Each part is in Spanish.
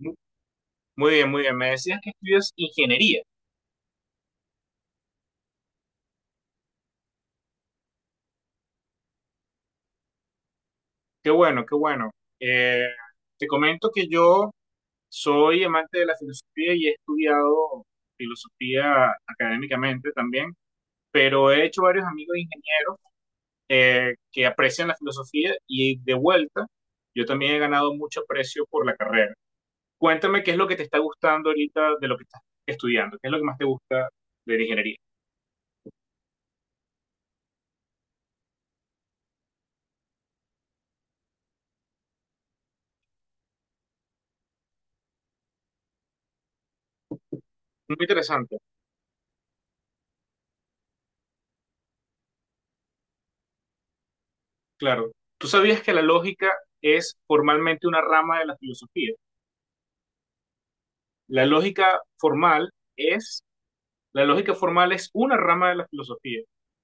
Mu- Muy bien, muy bien. Me decías que estudias ingeniería. Qué bueno, qué bueno. Eh, Te comento que yo soy amante de la filosofía y he estudiado filosofía académicamente también, pero he hecho varios amigos ingenieros que aprecian la filosofía y de vuelta yo también he ganado mucho aprecio por la carrera. Cuéntame qué es lo que te está gustando ahorita de lo que estás estudiando, qué es lo que más te gusta de la ingeniería. Muy interesante. Claro. ¿Tú sabías que la lógica es formalmente una rama de la filosofía? La lógica formal es, la lógica formal es una rama de la filosofía.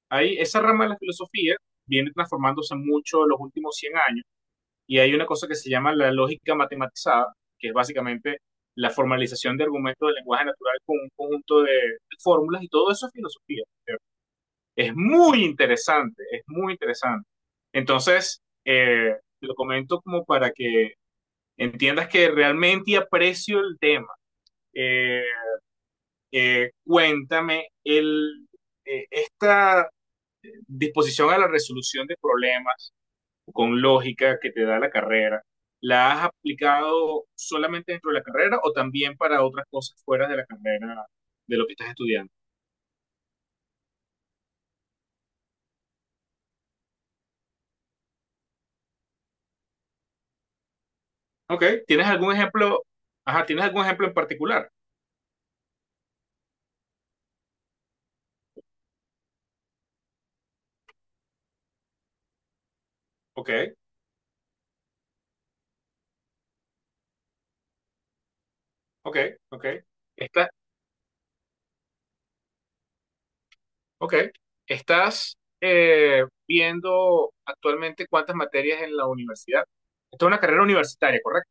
Ahí, esa rama de la filosofía viene transformándose mucho en los últimos 100 años y hay una cosa que se llama la lógica matematizada, que es básicamente la formalización de argumentos del lenguaje natural con un conjunto de fórmulas y todo eso es filosofía. Es muy interesante, es muy interesante. Entonces, te lo comento como para que entiendas que realmente aprecio el tema. Eh, eh, cuéntame, el, Esta disposición a la resolución de problemas con lógica que te da la carrera, ¿la has aplicado solamente dentro de la carrera o también para otras cosas fuera de la carrera de lo que estás estudiando? Ok, ¿tienes algún ejemplo? Ajá, ¿tienes algún ejemplo en particular? Ok, ok, ok. Esta, Ok. ¿Estás viendo actualmente cuántas materias en la universidad? Esto es una carrera universitaria, ¿correcto?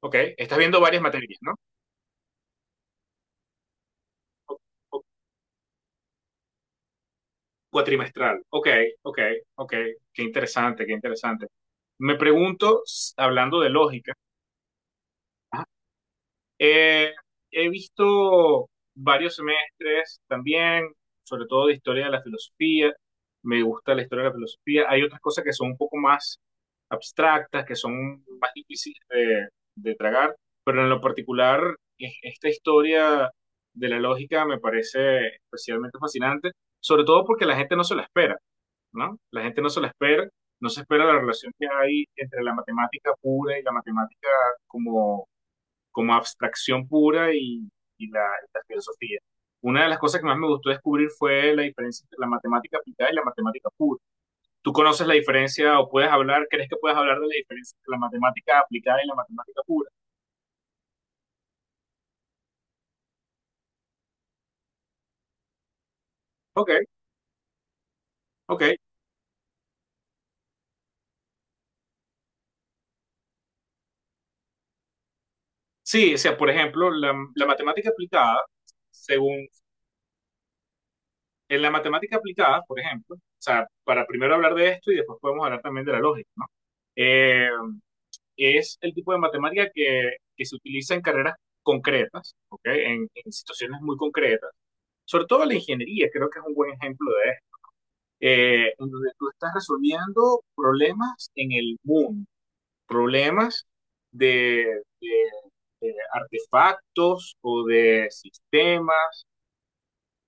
Ok. Estás viendo varias materias, ¿no? O- o- Cuatrimestral. Ok, ok, ok. Qué interesante, qué interesante. Me pregunto, hablando de lógica, Eh, he visto varios semestres también, sobre todo de historia de la filosofía. Me gusta la historia de la filosofía. Hay otras cosas que son un poco más abstractas, que son más difíciles de tragar, pero en lo particular, esta historia de la lógica me parece especialmente fascinante, sobre todo porque la gente no se la espera, ¿no? La gente no se la espera, no se espera la relación que hay entre la matemática pura y la matemática como abstracción pura y la filosofía. Una de las cosas que más me gustó descubrir fue la diferencia entre la matemática aplicada y la matemática pura. ¿Tú conoces la diferencia o puedes hablar, crees que puedes hablar de la diferencia entre la matemática aplicada y la matemática pura? Ok, ok. Sí, o sea, por ejemplo, la matemática aplicada, según, en la matemática aplicada, por ejemplo, o sea, para primero hablar de esto y después podemos hablar también de la lógica, ¿no? Eh, es el tipo de matemática que se utiliza en carreras concretas, ¿okay? En situaciones muy concretas. Sobre todo la ingeniería, creo que es un buen ejemplo de esto, en donde tú estás resolviendo problemas en el mundo, problemas de, de, de artefactos o de sistemas.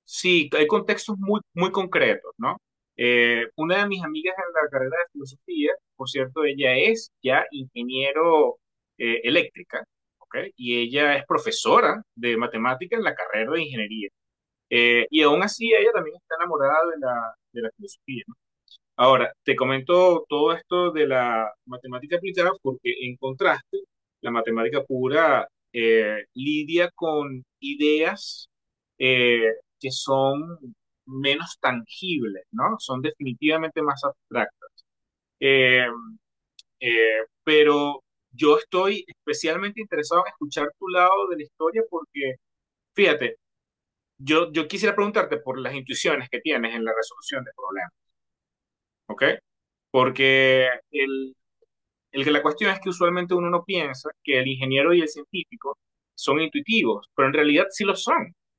Sí, hay contextos muy, muy concretos, ¿no? Una de mis amigas en la carrera de filosofía, por cierto, ella es ya ingeniero eléctrica, ¿ok? Y ella es profesora de matemáticas en la carrera de ingeniería. Y aún así ella también está enamorada de de la filosofía. Ahora, te comento todo esto de la matemática aplicada porque en contraste, la matemática pura lidia con ideas eh, que son menos tangibles, ¿no? Son definitivamente más abstractas. Eh, pero yo estoy especialmente interesado en escuchar tu lado de la historia porque, fíjate, yo quisiera preguntarte por las intuiciones que tienes en la resolución de problemas, ¿ok? Porque el que la cuestión es que usualmente uno no piensa que el ingeniero y el científico son intuitivos, pero en realidad sí lo son. O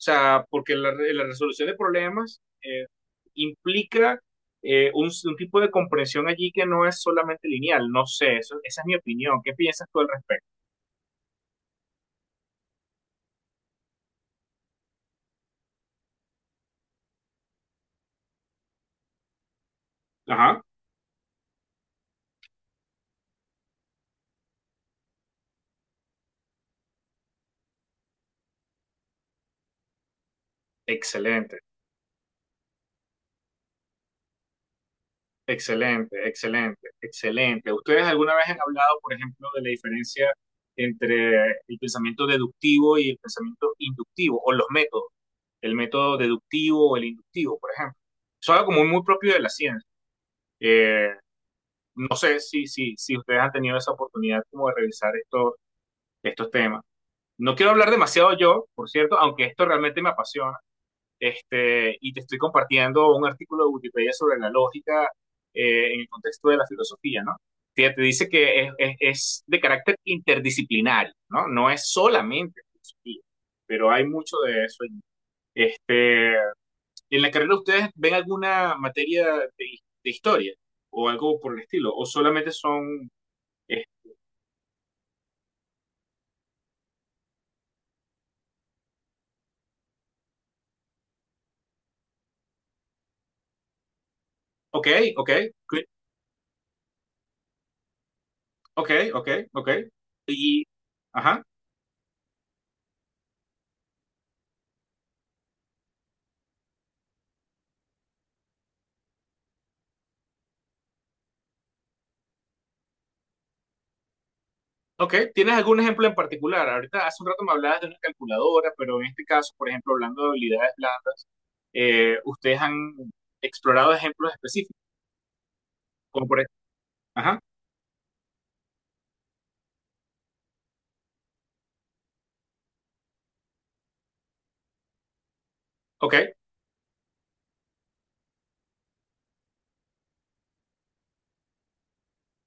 sea, porque la resolución de problemas implica un tipo de comprensión allí que no es solamente lineal. No sé, esa es mi opinión. ¿Qué piensas tú al respecto? Ajá. Excelente. Excelente, excelente, excelente. ¿Ustedes alguna vez han hablado, por ejemplo, de la diferencia entre el pensamiento deductivo y el pensamiento inductivo, o los métodos, el método deductivo o el inductivo, por ejemplo? Eso es algo como muy propio de la ciencia. Eh, no sé si ustedes han tenido esa oportunidad como de revisar estos temas. No quiero hablar demasiado yo, por cierto, aunque esto realmente me apasiona. Este, y te estoy compartiendo un artículo de Wikipedia sobre la lógica en el contexto de la filosofía, ¿no? Te dice que es de carácter interdisciplinario, ¿no? No es solamente filosofía, pero hay mucho de eso. Este, ¿en la carrera ustedes ven alguna materia de historia o algo por el estilo? ¿O solamente son, eh, ok, ok, ok, ok, ok, y, ajá? Ok, ¿tienes algún ejemplo en particular? Ahorita hace un rato me hablabas de una calculadora, pero en este caso, por ejemplo, hablando de habilidades blandas, ustedes han explorado ejemplos específicos, como por ejemplo, ajá, ok,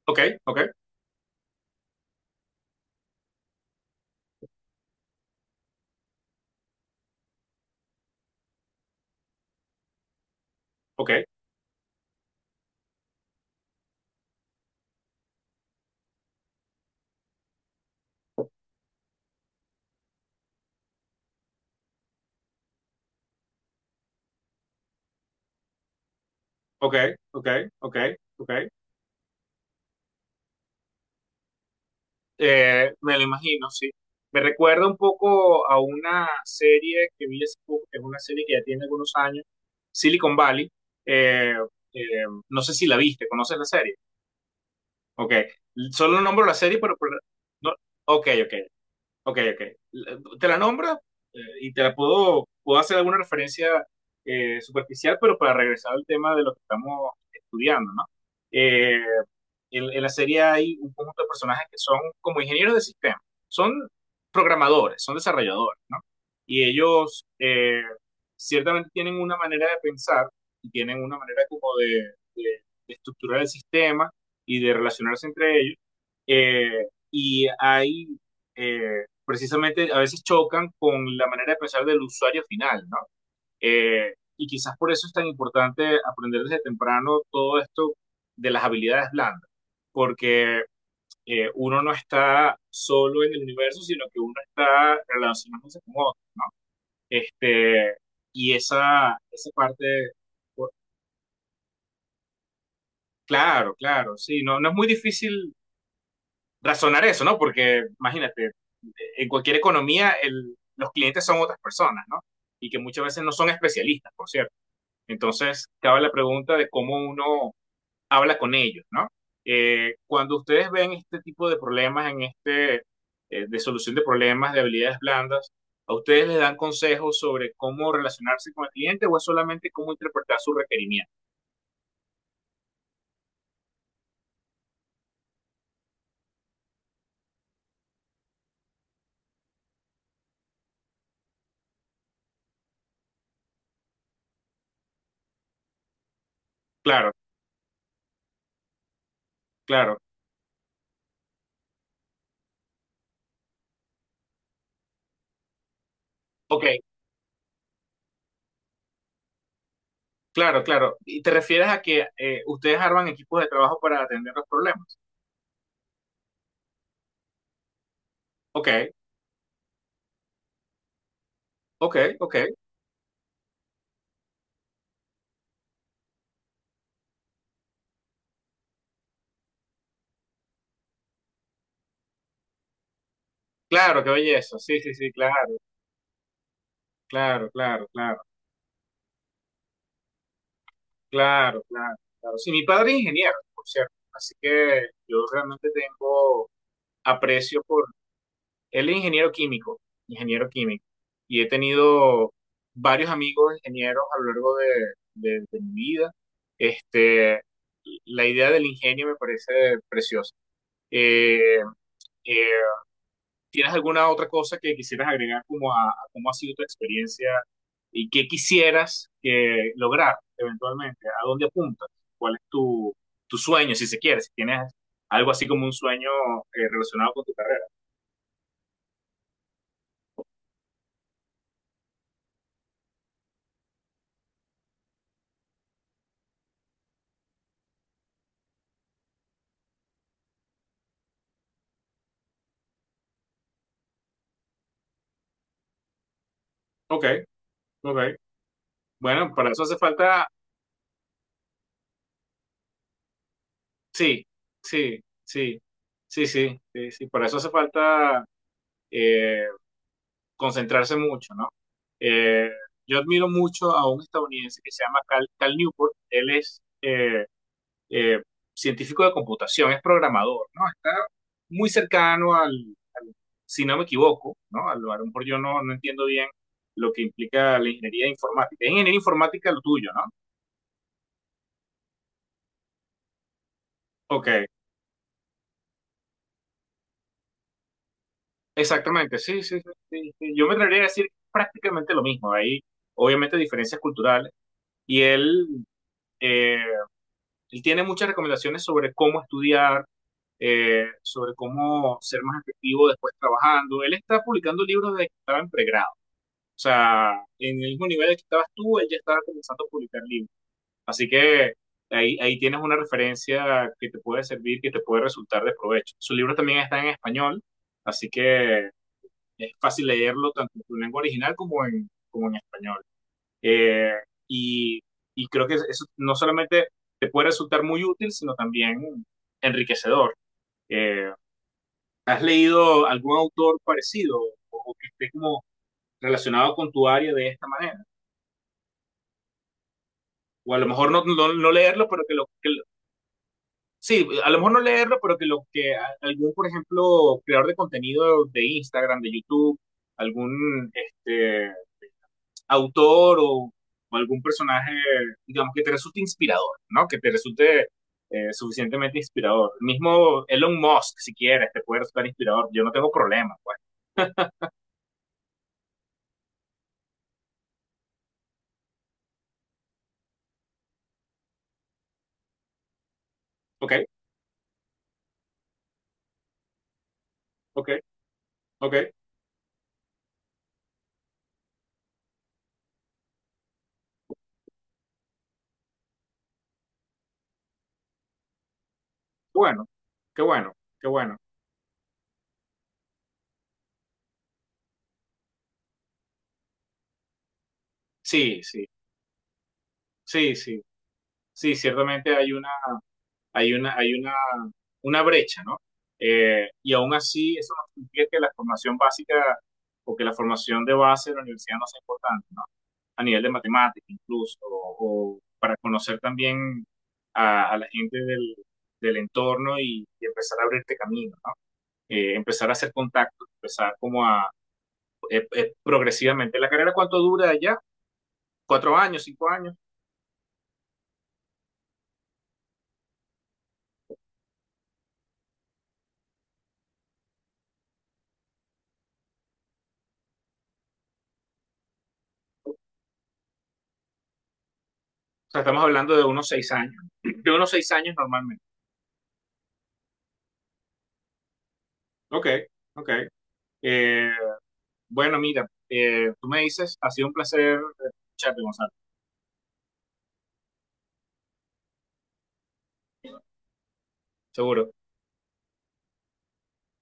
ok, ok, ok, ok, ok, ok, ok. Me lo imagino, sí. Me recuerda un poco a una serie que vi hace poco, que es una serie que ya tiene algunos años, Silicon Valley. Eh, eh, no sé si la viste, ¿conoces la serie? Ok, solo nombro la serie, pero no, ok, ok. Ok, ok. Te la nombra y te la puedo hacer alguna referencia superficial, pero para regresar al tema de lo que estamos estudiando, ¿no? Eh, en la serie hay un conjunto de personajes que son como ingenieros de sistema, son programadores, son desarrolladores, ¿no? Y ellos ciertamente tienen una manera de pensar y tienen una manera como de, de estructurar el sistema y de relacionarse entre ellos. eh, y hay, Precisamente, a veces chocan con la manera de pensar del usuario final, ¿no? Y quizás por eso es tan importante aprender desde temprano todo esto de las habilidades blandas, porque uno no está solo en el universo, sino que uno está relacionándose con otros, ¿no? Este, y esa parte, por- claro, claro, sí, no, no es muy difícil razonar eso, ¿no? Porque imagínate, en cualquier economía los clientes son otras personas, ¿no? Y que muchas veces no son especialistas, por cierto. Entonces, cabe la pregunta de cómo uno habla con ellos, ¿no? Cuando ustedes ven este tipo de problemas en de solución de problemas de habilidades blandas, ¿a ustedes les dan consejos sobre cómo relacionarse con el cliente o es solamente cómo interpretar su requerimiento? Claro, claro. Ok, claro, claro. ¿Y te refieres a que ustedes arman equipos de trabajo para atender los problemas? Ok, ok, ok. Claro, qué belleza. Sí, sí, sí, claro, claro, claro, claro, claro, claro, claro. Sí, mi padre es ingeniero, por cierto. Así que yo realmente tengo aprecio por... Él es ingeniero químico, y he tenido varios amigos ingenieros a lo largo de mi vida. Este, la idea del ingenio me parece preciosa. Eh, eh, ¿Tienes alguna otra cosa que quisieras agregar como a cómo ha sido tu experiencia y qué quisieras que lograr eventualmente? ¿A dónde apuntas? ¿Cuál es tu, tu sueño, si se quiere? Si tienes algo así como un sueño relacionado con tu carrera. Ok, ok. Bueno, para eso hace falta, sí, sí, sí, sí, sí, sí, sí, para eso hace falta eh, concentrarse mucho, ¿no? Eh, yo admiro mucho a un estadounidense que se llama Cal, Cal Newport, él es eh, científico de computación, es programador, ¿no? Está muy cercano al- si no me equivoco, ¿no? A lo mejor yo no, no entiendo bien lo que implica la ingeniería informática. Es ingeniería informática lo tuyo, ¿no? Ok, exactamente, sí, sí, sí, sí, sí. Yo me atrevería a decir prácticamente lo mismo. Hay obviamente diferencias culturales y él, eh, él tiene muchas recomendaciones sobre cómo estudiar, sobre cómo ser más efectivo después trabajando. Él está publicando libros desde que estaba en pregrado. O sea, en el mismo nivel que estabas tú, él ya estaba comenzando a publicar libros. Así que ahí tienes una referencia que te puede servir, que te puede resultar de provecho. Sus libros también están en español, así que es fácil leerlo tanto en tu lengua original como como en español. Eh, y, y creo que eso no solamente te puede resultar muy útil, sino también enriquecedor. Eh, ¿Has leído algún autor parecido o que esté como relacionado con tu área de esta manera? O a lo mejor no leerlo, pero que lo, sí, a lo mejor no leerlo, pero que algún, por ejemplo, creador de contenido de Instagram, de YouTube, algún este, autor o algún personaje, digamos, que te resulte inspirador, ¿no? Que te resulte suficientemente inspirador. Mismo Elon Musk, si quieres, te puede resultar inspirador. Yo no tengo problema, pues. Ok, ok, ok. Bueno, qué bueno, qué bueno. Sí, sí, sí, sí. Sí, ciertamente hay una, hay una, hay una brecha, ¿no? Y aún así, eso no significa que la formación básica o que la formación de base de la universidad no sea importante, ¿no? A nivel de matemática incluso, o para conocer también a la gente del entorno y empezar a abrirte camino, ¿no? Empezar a hacer contactos, empezar como a progresivamente. ¿La carrera cuánto dura allá? ¿4 años, 5 años? O sea, estamos hablando de unos 6 años, de unos seis años normalmente. Ok, ok. Eh, bueno, mira, tú me dices, ha sido un placer escucharte, Gonzalo, seguro.